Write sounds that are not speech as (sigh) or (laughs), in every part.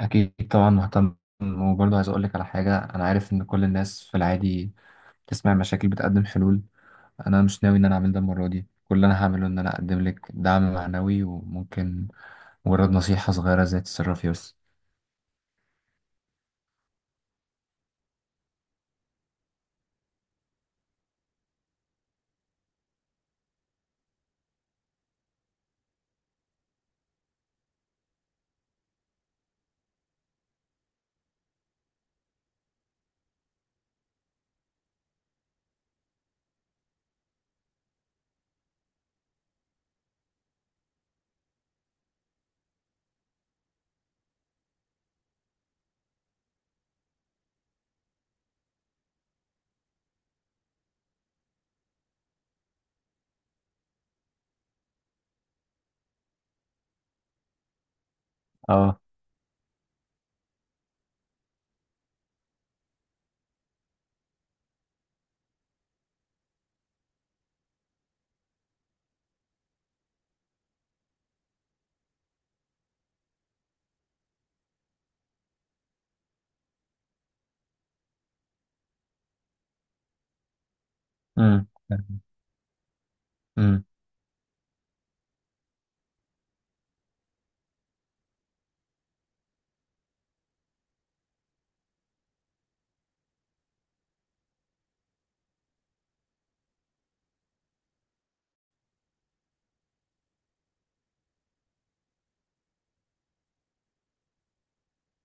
أكيد طبعا مهتم. وبرضه عايز أقولك على حاجة، أنا عارف إن كل الناس في العادي تسمع مشاكل بتقدم حلول. أنا مش ناوي إن أنا أعمل ده المرة دي. كل اللي أنا هعمله إن أنا أقدم لك دعم معنوي وممكن مجرد نصيحة صغيرة زي تتصرفي بس. اه. امم امم.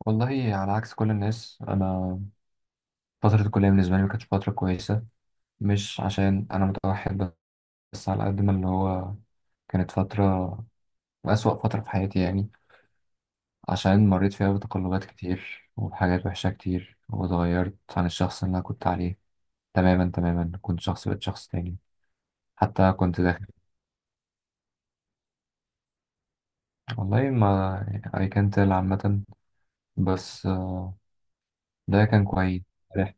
والله، على عكس كل الناس، أنا فترة الكلية بالنسبة لي ما كانتش فترة كويسة. مش عشان أنا متوحد، بس على قد ما اللي هو، كانت فترة أسوأ فترة في حياتي يعني. عشان مريت فيها بتقلبات كتير وبحاجات وحشة كتير واتغيرت عن الشخص اللي أنا كنت عليه. تماما تماما، كنت شخص بقيت شخص تاني. حتى كنت داخل والله ما أي، كانت عامة بس ده كان كويس. فرح،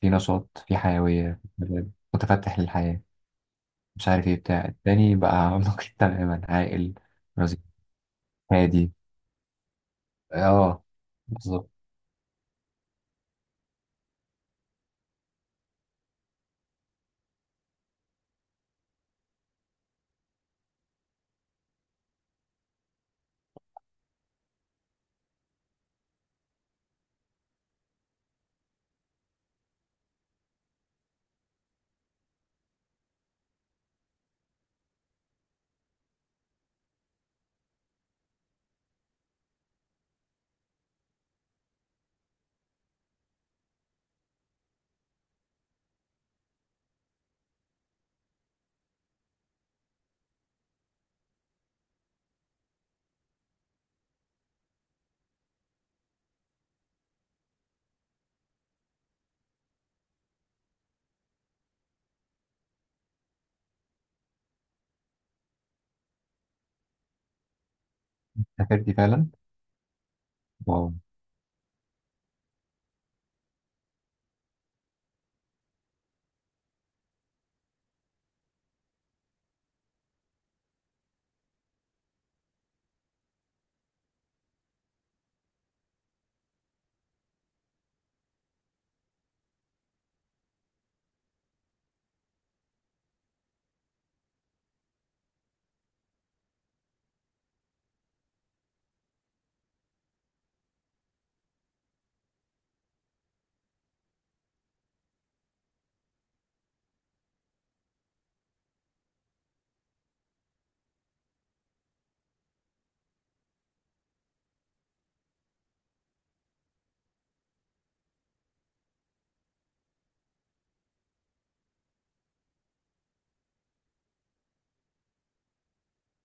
في نشاط، في حيوية، في مزاج، متفتح للحياة. مش عارف ايه بتاع التاني بقى (laughs) نقي تماما عاقل رزق هادي. اه، بالظبط. سافرتي فعلا؟ واو.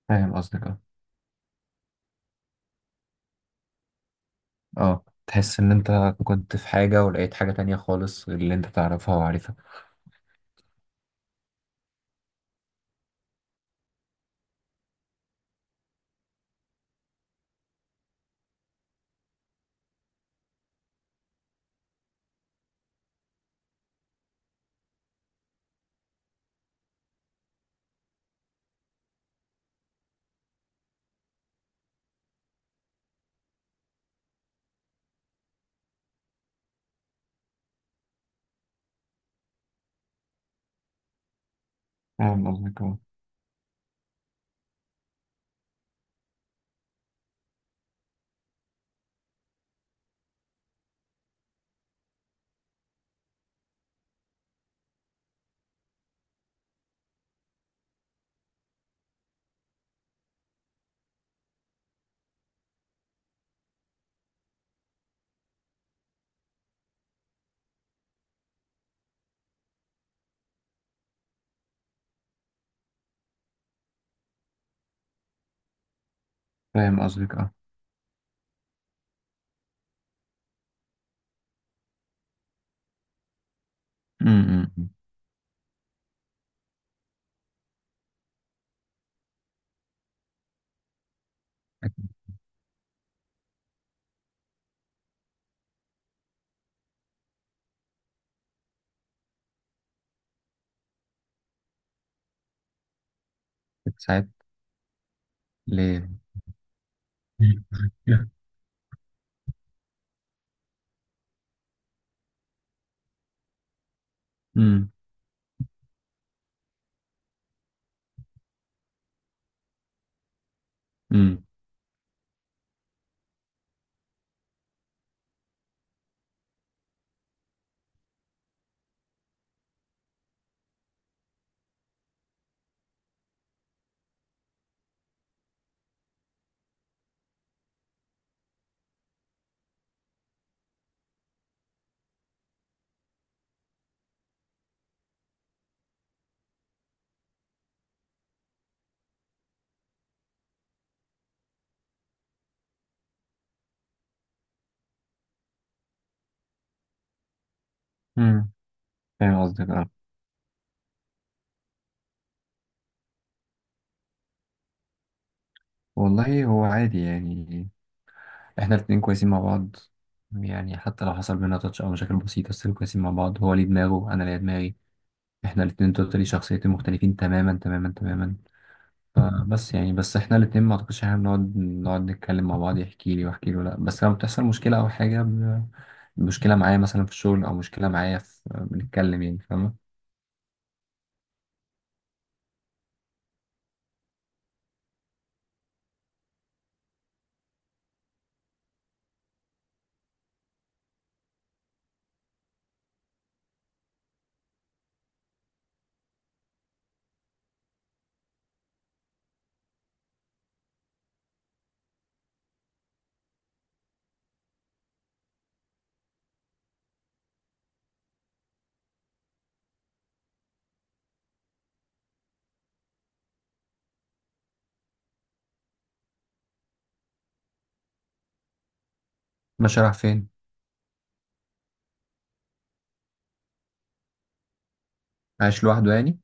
فاهم قصدك، اه. تحس ان انت كنت في حاجة ولقيت حاجة تانية خالص غير اللي انت تعرفها وعارفها. فاهم قصدك، اه. فاهم قصدك، اه. امم. أكيد. ساعات؟ ل. امم. امم. امم. فاهم قصدك، اه. والله هو عادي يعني، احنا الاتنين كويسين مع بعض. يعني حتى لو حصل بينا تاتش او مشاكل بسيطة بس كويسين مع بعض. هو ليه دماغه انا ليا دماغي. احنا الاتنين توتالي شخصيتين مختلفين تماما تماما تماما. بس يعني بس احنا الاتنين ما اعتقدش احنا بنقعد نتكلم مع بعض يحكي لي واحكي له، لا. بس لما بتحصل مشكلة او حاجة ب- مشكلة معايا مثلا في الشغل او مشكلة معايا في، بنتكلم يعني، فاهمة؟ ماشي، رايح فين؟ عايش لوحده يعني؟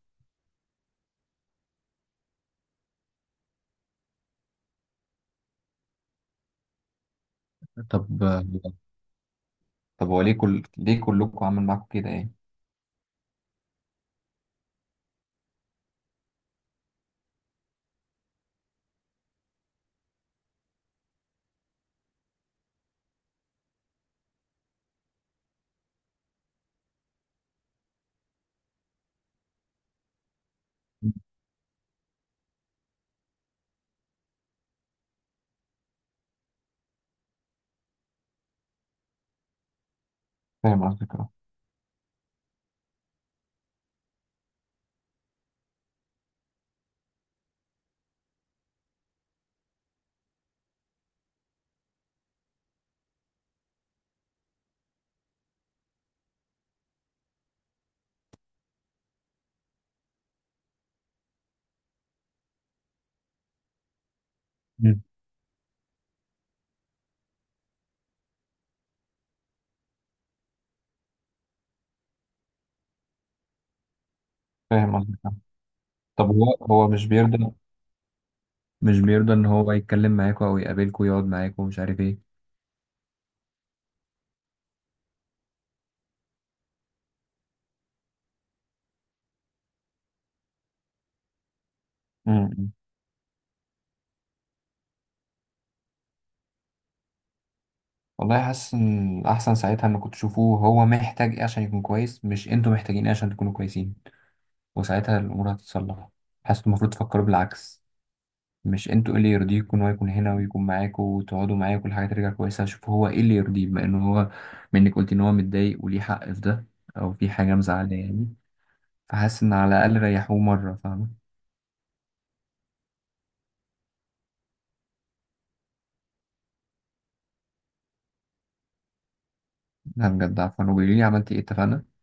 طب طب هو ليه كلكم عامل معاكم كده يعني؟ فاهم قصدك، اه. مم. فاهم قصدك، اه. طب هو مش بيرضى؟ مش بيرضى ان هو يتكلم معاكم او يقابلكم ويقعد معاكم ومش عارف ايه؟ والله حاسس ان الاحسن ساعتها انكم تشوفوه هو محتاج ايه عشان يكون كويس، مش انتوا محتاجين ايه عشان تكونوا كويسين. وساعتها الامور هتتصلح. حاسس إنتوا المفروض تفكروا بالعكس. مش انتوا ايه اللي يرضيكوا ان هو يكون هنا ويكون معاكوا وتقعدوا معاه وكل حاجه ترجع كويسه. شوفوا هو ايه اللي يرضيه، بما انه هو منك قلت ان هو متضايق وليه حق في ده، او في حاجه مزعله يعني. فحاسس ان على الاقل ريحوه مره، فاهمه؟ لا بجد عفوا. وقولي لي عملتي ايه، اتفقنا؟